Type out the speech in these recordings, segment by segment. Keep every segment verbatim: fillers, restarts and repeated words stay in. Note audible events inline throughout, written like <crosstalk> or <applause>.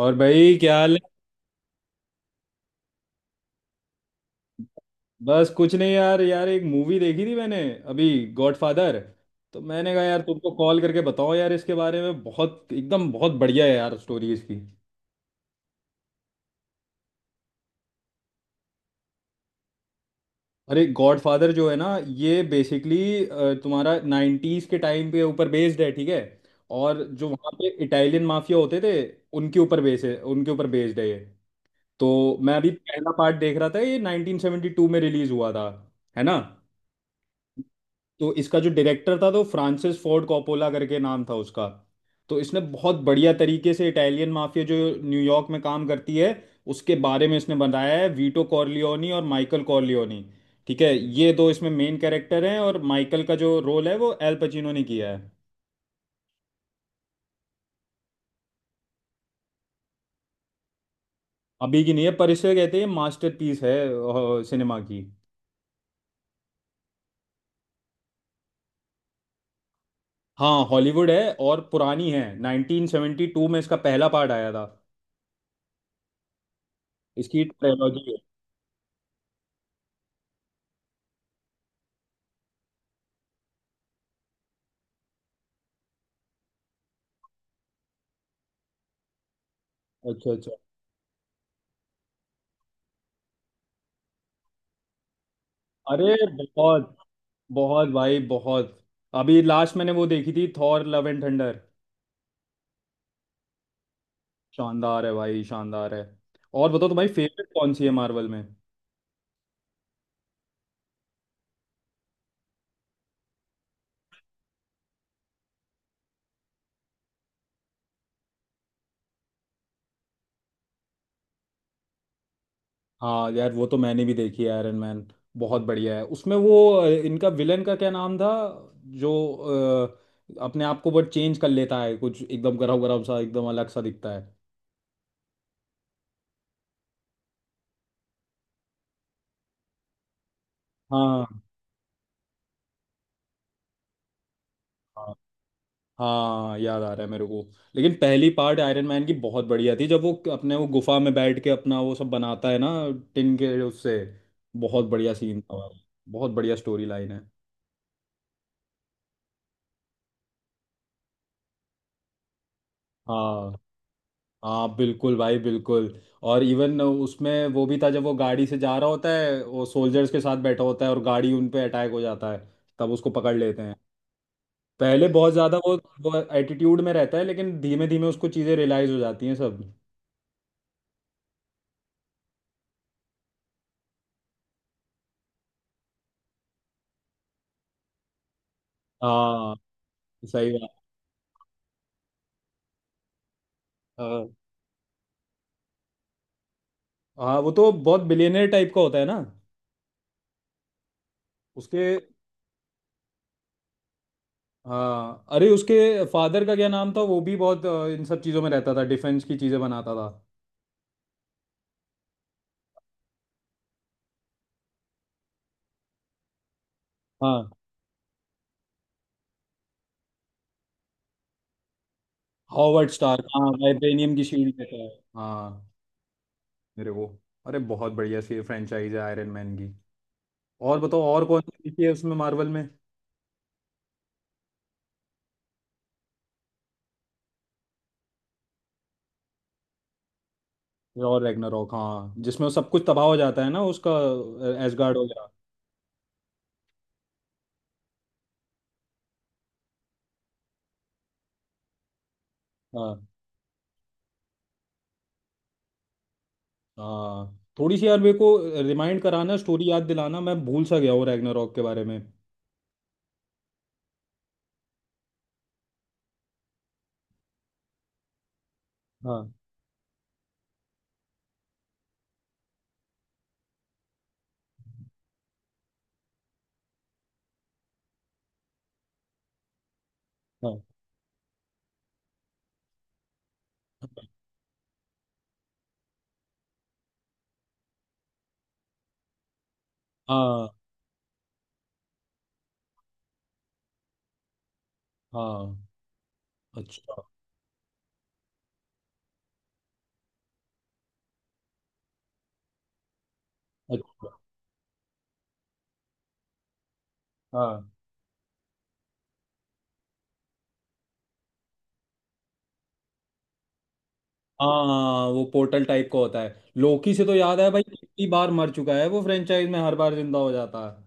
और भाई, क्या हाल है? बस कुछ नहीं यार, यार एक मूवी देखी थी मैंने, अभी, गॉडफादर। तो मैंने कहा यार, तुमको कॉल करके बताओ यार इसके बारे में, बहुत एकदम बहुत बढ़िया है यार, स्टोरी इसकी। अरे, गॉडफादर जो है ना, ये बेसिकली तुम्हारा नाइन्टीज के टाइम पे ऊपर बेस्ड है, ठीक है। और जो वहाँ पे इटालियन माफिया होते थे, उनके ऊपर बेस है उनके ऊपर बेस्ड है ये। तो मैं अभी पहला पार्ट देख रहा था, ये नाइन्टीन सेवेंटी टू में रिलीज हुआ था, है ना। तो इसका जो डायरेक्टर था, तो फ्रांसिस फोर्ड कोपोला करके नाम था उसका। तो इसने बहुत बढ़िया तरीके से इटालियन माफिया जो न्यूयॉर्क में काम करती है, उसके बारे में इसने बनाया है। वीटो कॉर्लियोनी और माइकल कॉर्लियोनी, ठीक है, ये दो इसमें मेन कैरेक्टर हैं, और माइकल का जो रोल है वो एल पचिनो ने किया है। अभी की नहीं है, पर इसे कहते हैं मास्टरपीस है सिनेमा की। हाँ, हॉलीवुड है और पुरानी है, नाइन्टीन सेवेंटी टू में इसका पहला पार्ट आया था। इसकी ट्रायोलॉजी है। अच्छा, अच्छा। अरे, बहुत, बहुत भाई, बहुत। अभी लास्ट मैंने वो देखी थी, थॉर लव एंड थंडर। शानदार है भाई, शानदार है। और बताओ तुम्हारी फेवरेट कौन सी है मार्वल में? हाँ यार, वो तो मैंने भी देखी है आयरन मैन, बहुत बढ़िया है। उसमें वो अ, इनका विलन का क्या नाम था जो अ, अपने आप को बट चेंज कर लेता है, कुछ एकदम गरम गरम सा, एकदम अलग सा दिखता है। हाँ, हाँ। हाँ, याद आ रहा है मेरे को। लेकिन पहली पार्ट आयरन मैन की बहुत बढ़िया थी, जब वो अपने वो गुफा में बैठ के अपना वो सब बनाता है ना, टिन के उससे। बहुत बढ़िया सीन था भाई, बहुत बढ़िया स्टोरी लाइन है। हाँ, हाँ बिल्कुल भाई, बिल्कुल। और इवन उसमें वो भी था, जब वो गाड़ी से जा रहा होता है, वो सोल्जर्स के साथ बैठा होता है और गाड़ी उन पे अटैक हो जाता है, तब उसको पकड़ लेते हैं। पहले बहुत ज़्यादा वो वो एटीट्यूड में रहता है, लेकिन धीमे धीमे उसको चीज़ें रियलाइज हो जाती हैं सब। हाँ, सही बात। हाँ। हाँ, वो तो बहुत बिलियनर टाइप का होता है ना, उसके। हाँ, अरे, उसके फादर का क्या नाम था? वो भी बहुत अ, इन सब चीज़ों में रहता था, डिफेंस की चीज़ें बनाता था। हाँ, हॉवर्ड स्टार्क, हाँ, वाइब्रेनियम की शील्ड <laughs> रहता है। हाँ। मेरे वो, अरे, बहुत बढ़िया सी फ्रेंचाइज है आयरन मैन की। और बताओ और कौन सी देखी है उसमें मार्वल में? और रैग्नारॉक, हाँ, जिसमें सब कुछ तबाह हो जाता है ना उसका, एसगार्ड वगैरह। हाँ। हाँ, थोड़ी सी यार मेरे को रिमाइंड कराना, स्टोरी याद दिलाना, मैं भूल सा गया हूँ रैग्नारॉक के बारे में। हाँ, हाँ, हाँ, हाँ। अच्छा, अच्छा। हाँ। हाँ, वो पोर्टल टाइप का होता है, लोकी से तो याद है भाई, कितनी बार मर चुका है वो फ्रेंचाइज में, हर बार जिंदा हो जाता है।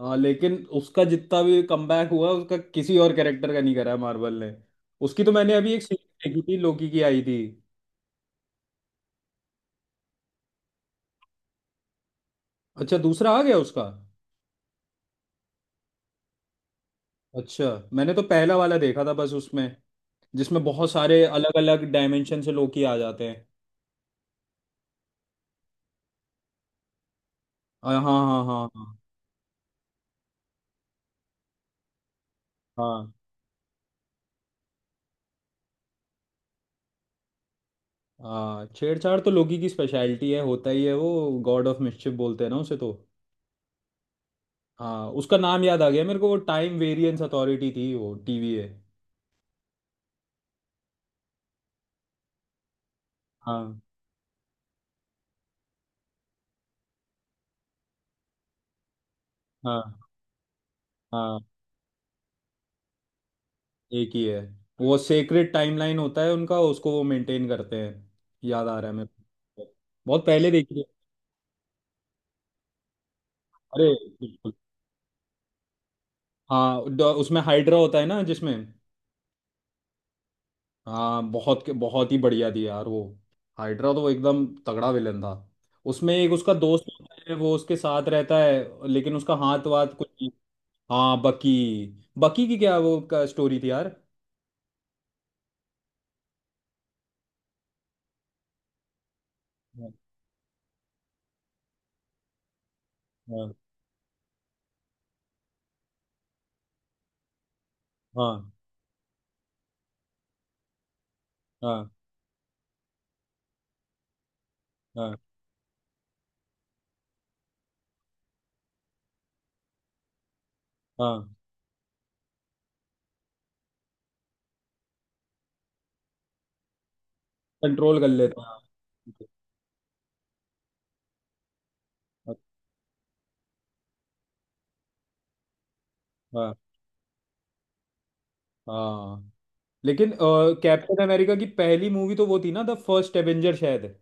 हाँ, लेकिन उसका जितना भी कमबैक हुआ, उसका किसी और कैरेक्टर का नहीं करा है मार्वल ने। उसकी तो मैंने अभी एक सीरीज देखी थी, लोकी की आई थी। अच्छा, दूसरा आ गया उसका? अच्छा। मैंने तो पहला वाला देखा था बस, उसमें जिसमें बहुत सारे अलग अलग डायमेंशन से लोकी आ जाते हैं। आ, हाँ, हाँ, हाँ, हाँ। हाँ। हाँ, छेड़छाड़ तो लोकी की स्पेशलिटी है, होता ही है वो। गॉड ऑफ मिस्chiफ बोलते हैं ना उसे तो। हाँ, उसका नाम याद आ गया मेरे को, वो टाइम वेरियंस अथॉरिटी थी वो, टीवीए। हाँ। हाँ। हाँ। एक ही है। वो सेक्रेट टाइमलाइन होता है उनका, उसको वो मेंटेन करते हैं, याद आ रहा है मेरे को, बहुत पहले देखी है। अरे, बिल्कुल। हाँ, ड- उसमें हाइड्रा होता है ना जिसमें। हाँ, बहुत, बहुत ही बढ़िया थी यार वो। हाइड्रा तो एकदम तगड़ा विलन था। उसमें एक उसका दोस्त होता है वो उसके साथ रहता है, लेकिन उसका हाथ वाथ कुछ नहीं। हाँ, बकी। बकी की क्या वो का स्टोरी थी यार। हाँ, हाँ, हाँ, हाँ। हाँ। हाँ। कंट्रोल कर लेता। हाँ। हाँ। हाँ। लेकिन कैप्टन अमेरिका की पहली मूवी तो वो थी ना, द फर्स्ट एवेंजर शायद।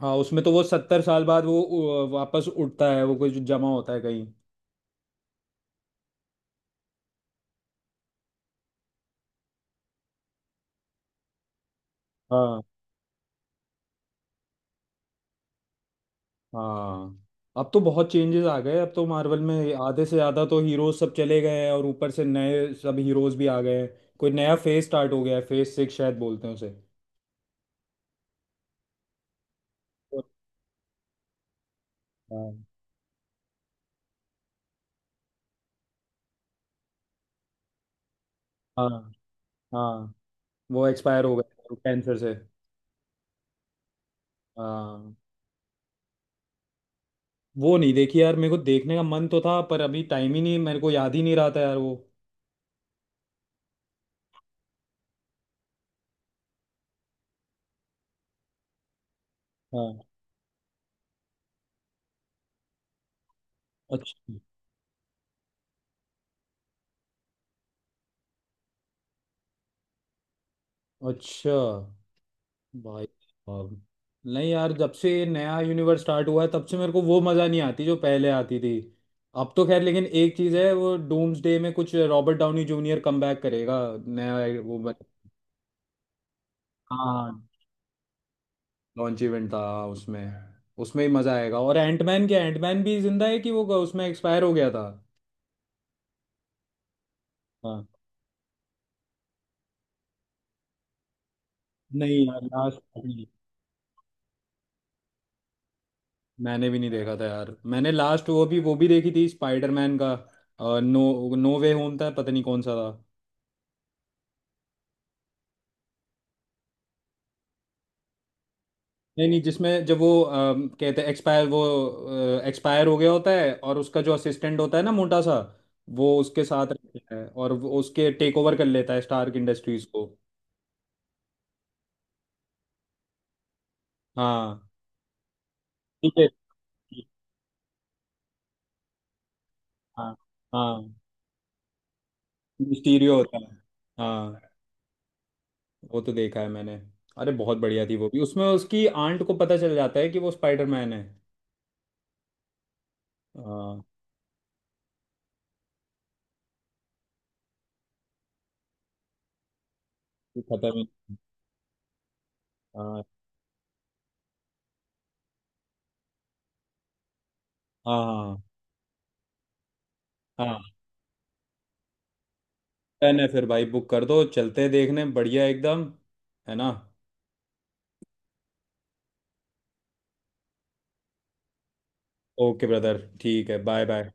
हाँ, उसमें तो वो सत्तर साल बाद वो उ- वापस उठता है, वो कुछ जमा होता है कहीं। हाँ। हाँ, अब तो बहुत चेंजेस आ गए, अब तो मार्वल में आधे से ज़्यादा तो हीरोज सब चले गए हैं, और ऊपर से नए सब हीरोज भी आ गए हैं। कोई नया फेज स्टार्ट हो गया है, फेज सिक्स शायद बोलते हैं उसे। हाँ। हाँ। हाँ, वो एक्सपायर हो गए, कैंसर से। हाँ। वो नहीं देखी यार, मेरे को देखने का मन तो था पर अभी टाइम ही नहीं, मेरे को याद ही नहीं रहा था यार वो। हाँ। अच्छा, अच्छा। भाई साहब, नहीं यार, जब से ये नया यूनिवर्स स्टार्ट हुआ है, तब से मेरे को वो मज़ा नहीं आती जो पहले आती थी। अब तो खैर, लेकिन एक चीज़ है, वो डूम्सडे में कुछ रॉबर्ट डाउनी जूनियर कमबैक करेगा, नया। वो बन- हाँ, लॉन्च इवेंट था, हाँ, उसमें उसमें ही मज़ा आएगा। और एंटमैन, क्या एंटमैन भी जिंदा है कि वो उसमें एक्सपायर हो गया था? हाँ। नहीं यार, लास्ट। मैंने भी नहीं देखा था यार, मैंने लास्ट वो भी वो भी देखी थी, स्पाइडरमैन का नो नो वे होम था, पता नहीं कौन सा था। नहीं, नहीं, जिसमें जब वो अम, कहते हैं एक्सपायर, वो एक्सपायर हो गया होता है, और उसका जो असिस्टेंट होता है ना, मोटा सा, वो उसके साथ रहता है और वो उसके टेक ओवर कर लेता है स्टार्क इंडस्ट्रीज को। हाँ, ठीक है। हाँ। हाँ, मिस्टीरियो होता है। हाँ, वो तो देखा है मैंने। अरे, बहुत बढ़िया थी वो भी, उसमें उसकी आंट को पता चल जाता है कि वो स्पाइडरमैन है। हाँ। ये खतरनाक। हाँ। हाँ। हाँ, डन है फिर भाई, बुक कर दो, चलते हैं देखने, बढ़िया एकदम, है ना। ओके ब्रदर, ठीक है, बाय बाय।